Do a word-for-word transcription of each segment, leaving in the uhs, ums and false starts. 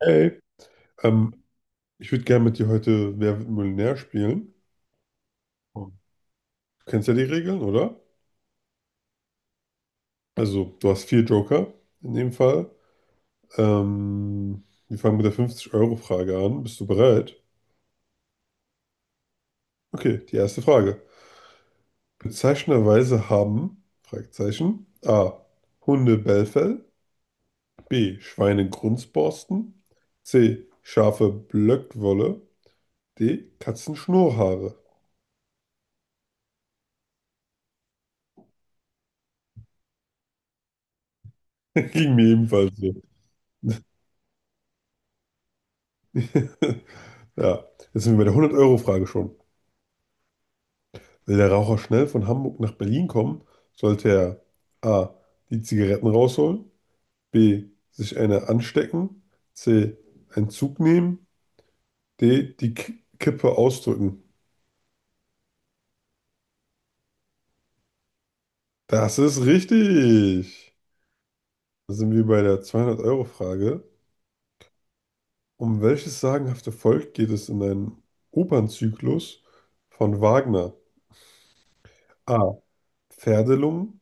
Hey, ähm, ich würde gerne mit dir heute Wer wird Millionär spielen. Du kennst ja die Regeln, oder? Also, du hast vier Joker in dem Fall. Ähm, wir fangen mit der fünfzig-Euro-Frage an. Bist du bereit? Okay, die erste Frage. Bezeichnenderweise haben, Fragezeichen: A. Hunde Bellfell, B. Schweine Grunzborsten, C. Schafe Blöckwolle, D. Katzen Schnurrhaare. Ging mir ebenfalls so. Ja, jetzt sind wir bei der hundert-Euro-Frage schon. Will der Raucher schnell von Hamburg nach Berlin kommen, sollte er a. die Zigaretten rausholen, b. sich eine anstecken, c. einen Zug nehmen, d. die K Kippe ausdrücken. Das ist richtig. Da sind wir bei der zweihundert euro frage. Um welches sagenhafte Volk geht es in einem Opernzyklus von Wagner? A. Pferdelungen,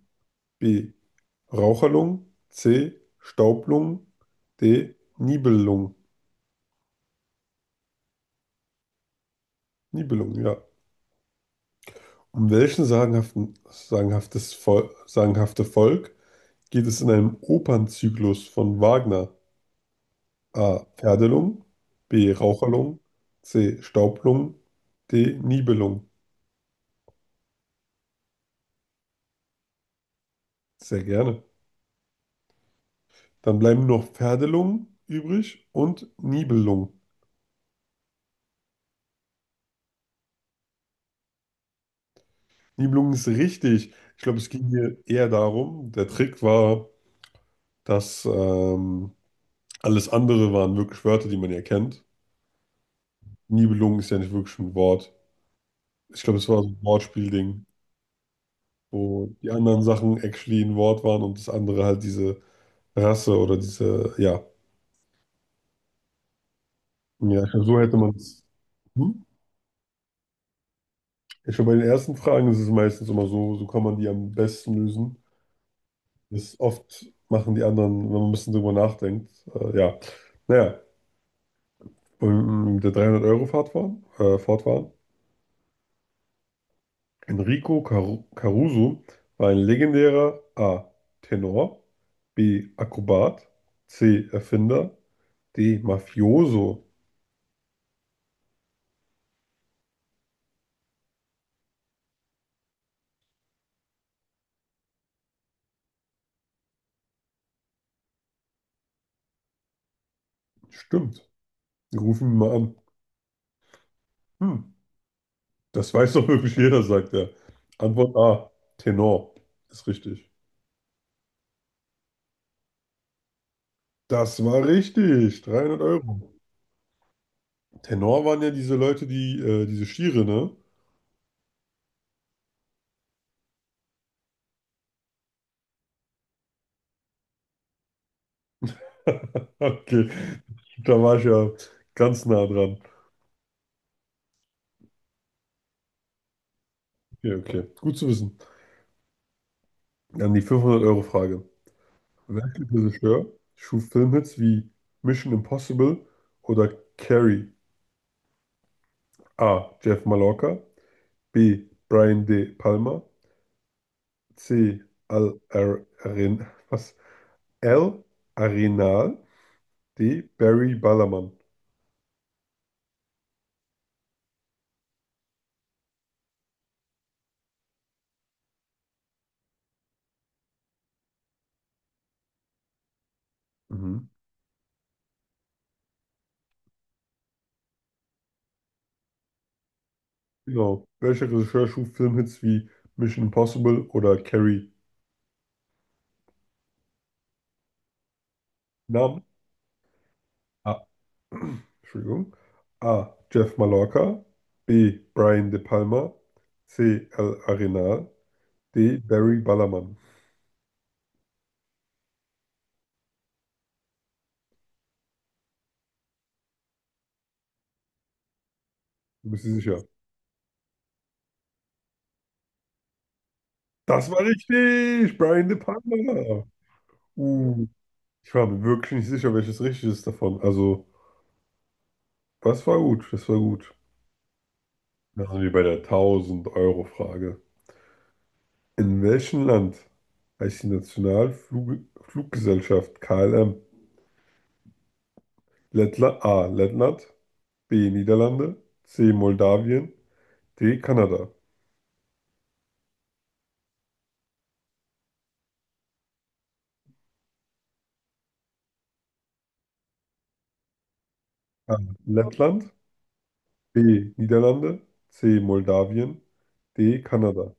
B. Raucherlungen, C. Staublungen, D. Nibelungen. Nibelungen, ja. Um welchen sagenhaften, sagenhaftes Vol sagenhafte Volk geht es in einem Opernzyklus von Wagner? A. Pferdelung, B. Raucherlung, C. Staublung, D. Nibelung. Sehr gerne. Dann bleiben nur noch Pferdelung übrig und Nibelung. Nibelung ist richtig. Ich glaube, es ging hier eher darum, der Trick war, dass ähm, alles andere waren wirklich Wörter, die man ja kennt. Nibelung ist ja nicht wirklich ein Wort. Ich glaube, es war so ein Wortspielding, wo die anderen Sachen actually ein Wort waren und das andere halt diese Rasse oder diese, ja. Ja, ich glaub, so hätte man es. Hm? Ich glaube, bei den ersten Fragen ist es meistens immer so, so kann man die am besten lösen. Das oft machen die anderen, wenn man ein bisschen drüber nachdenkt. Äh, ja, naja, und mit der dreihundert euro fahrt waren, äh, Fahrt waren. Enrico Caru Caruso war ein legendärer: A. Tenor, B. Akrobat, C. Erfinder, Die Mafioso. Stimmt. Wir rufen ihn mal an. Hm, das weiß doch wirklich jeder, sagt er. Antwort A. Tenor. Ist richtig. Das war richtig. dreihundert Euro. Tenor waren ja diese Leute, die, äh, diese Stiere, ne? Okay. Da war ich ja ganz nah dran. Okay, okay. Gut zu wissen. Dann die fünfhundert-Euro-Frage. Welcher Regisseur schuf Filmhits wie Mission Impossible oder Carrie? A. Jeff Mallorca. B. Brian De Palma. C. Al Ar Arin was? L. Arenal. D. Barry Ballermann. Mhm. Genau. Welcher Regisseur schuf Filmhits wie Mission Impossible oder Carrie? Namen? A. Entschuldigung. A. Jeff Mallorca. B. Brian De Palma. C. Al Arenal. D. Barry Ballermann. Du bist dir sicher? Das war richtig! Brian De Palma! Uh, Ich war mir wirklich nicht sicher, welches richtig ist davon. Also, das war gut, das war gut. Dann sind wir bei der tausend euro frage. In welchem Land heißt die Nationalfluggesellschaft K L M? Lettland, A. Lettland, B. Niederlande, C. Moldawien, D. Kanada. A. Lettland, B. Niederlande, C. Moldawien, D. Kanada.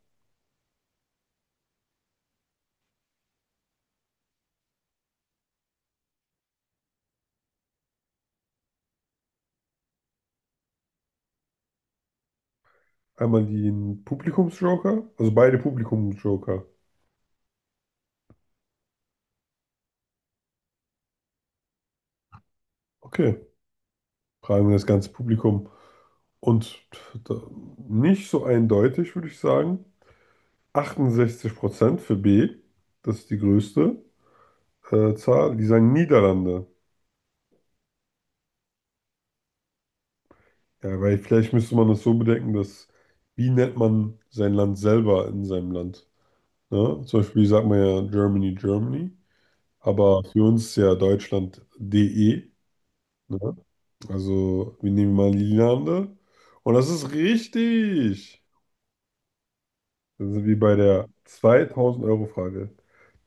Einmal den Publikumsjoker, also beide Publikumsjoker. Okay, fragen wir das ganze Publikum. Und da- nicht so eindeutig, würde ich sagen. achtundsechzig Prozent für B, das ist die größte äh, Zahl, die sagen Niederlande. Ja, weil vielleicht müsste man das so bedenken, dass, wie nennt man sein Land selber in seinem Land? Ne? Zum Beispiel sagt man ja Germany, Germany, aber für uns ist ja Deutschland D E. Ne? Also wir nehmen mal Niederlande, und das ist richtig. Das ist wie bei der zweitausend euro frage.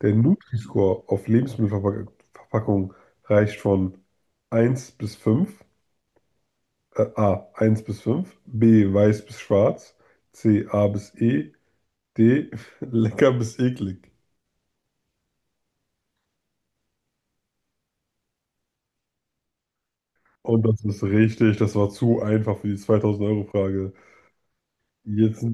Der Nutri-Score auf Lebensmittelverpackungen reicht von eins bis fünf. äh, A, eins bis fünf. B, weiß bis schwarz, C, A bis E, D, lecker bis eklig. Und das ist richtig, das war zu einfach für die zweitausend euro frage. Jetzt,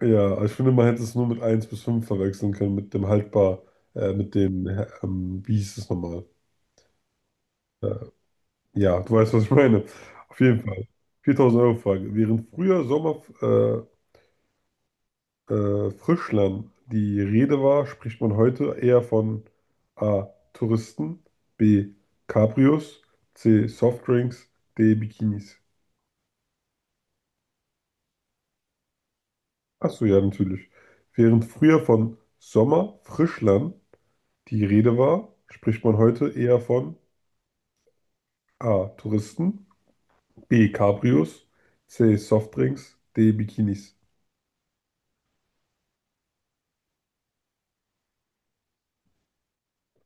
ja, ich finde, man hätte es nur mit eins bis fünf verwechseln können, mit dem haltbar, äh, mit dem, äh, ähm, wie hieß es nochmal? Äh, Ja, du weißt, was ich meine. Auf jeden Fall. viertausend-Euro-Frage. Während früher Sommer äh, äh, Frischland die Rede war, spricht man heute eher von A. Touristen, B. Cabrios, C. Softdrinks, D. Bikinis. Achso, ja, natürlich. Während früher von Sommer Frischland die Rede war, spricht man heute eher von A. Touristen, B. Cabrios, C. Softdrinks, D. Bikinis.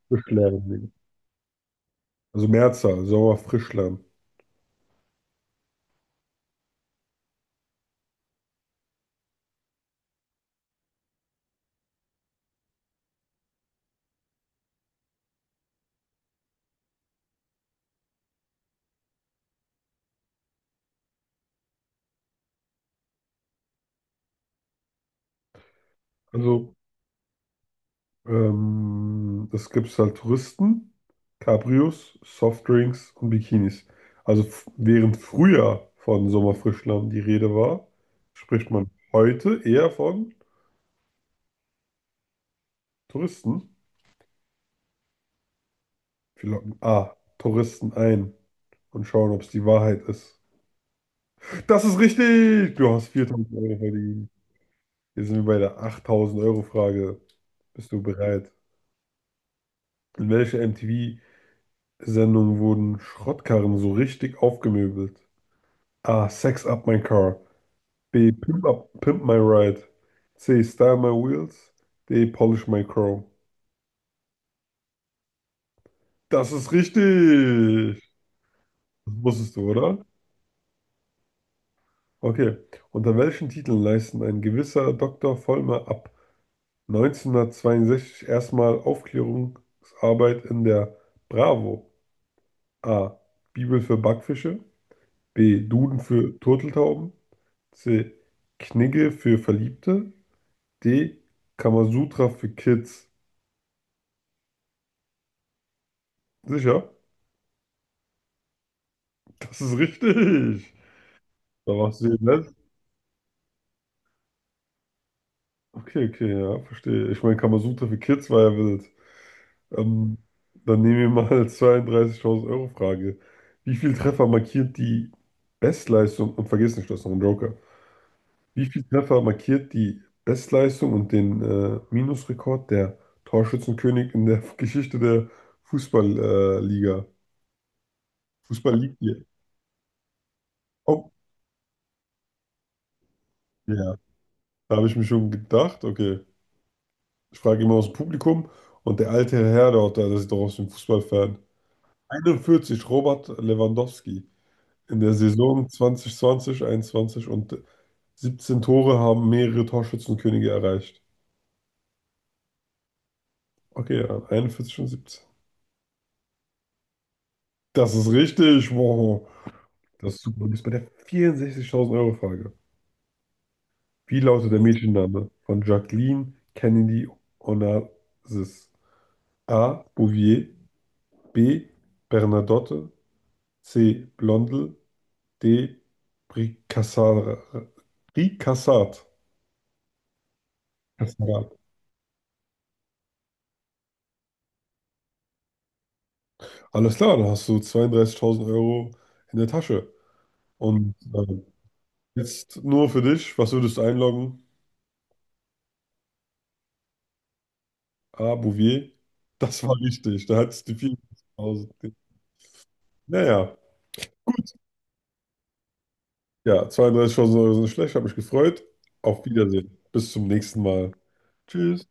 Frischlehrer. Also Mehrzahl, sauer. Also ähm, es gibt halt Touristen, Cabrios, Softdrinks und Bikinis. Also f- während früher von Sommerfrischlamm die Rede war, spricht man heute eher von Touristen. Wir locken A, Touristen ein und schauen, ob es die Wahrheit ist. Das ist richtig! Du hast viertausend Euro verdient. Hier sind wir bei der achttausend Euro Frage. Bist du bereit? In welcher M T V Sendung wurden Schrottkarren so richtig aufgemöbelt? A. Sex Up My Car. B. Pimp Up, Pimp My Ride. C. Style My Wheels. D. Polish My Chrome. Das ist richtig! Das wusstest du, oder? Okay. Unter welchen Titeln leisten ein gewisser Doktor Vollmer ab neunzehnhundertzweiundsechzig erstmal Aufklärungsarbeit in der Bravo? A. Bibel für Backfische. B. Duden für Turteltauben. C. Knigge für Verliebte. D. Kamasutra für Kids. Sicher? Das ist richtig. Da warst du den Netz. Okay, okay, ja, verstehe. Ich meine, Kamasutra für Kids war ja wild. Ähm, Dann nehmen wir mal zweiunddreißigtausend Euro Frage. Wie viel Treffer markiert die Bestleistung? Und vergiss nicht, das ist noch ein Joker. Wie viel Treffer markiert die Bestleistung und den äh, Minusrekord der Torschützenkönig in der Geschichte der Fußballliga? Äh, Liga? Fußball Liga. Oh, ja, da habe ich mir schon gedacht. Okay. Ich frage immer aus dem Publikum, und der alte Herr dort, der ist doch aus dem Fußballfan. Einundvierzig Robert Lewandowski. In der Saison zwanzig zwanzig einundzwanzig, und siebzehn Tore haben mehrere Torschützenkönige erreicht. Okay, ja, einundvierzig und siebzehn. Das ist richtig, wow. Das ist super. Du bist bei der vierundsechzigtausend Euro Frage. Wie lautet der Mädchenname von Jacqueline Kennedy Onassis? A. Bouvier. B. Bernadotte. C. Blondel. De Bricassat. Bricassat. Alles klar, dann hast du zweiunddreißigtausend Euro in der Tasche. Und äh, jetzt nur für dich, was würdest du einloggen? Ah, Bouvier. Das war richtig, da hattest du die viertausend. Naja, ja, Ja, zweiunddreißigtausend Euro sind schlecht, habe mich gefreut. Auf Wiedersehen. Bis zum nächsten Mal. Tschüss.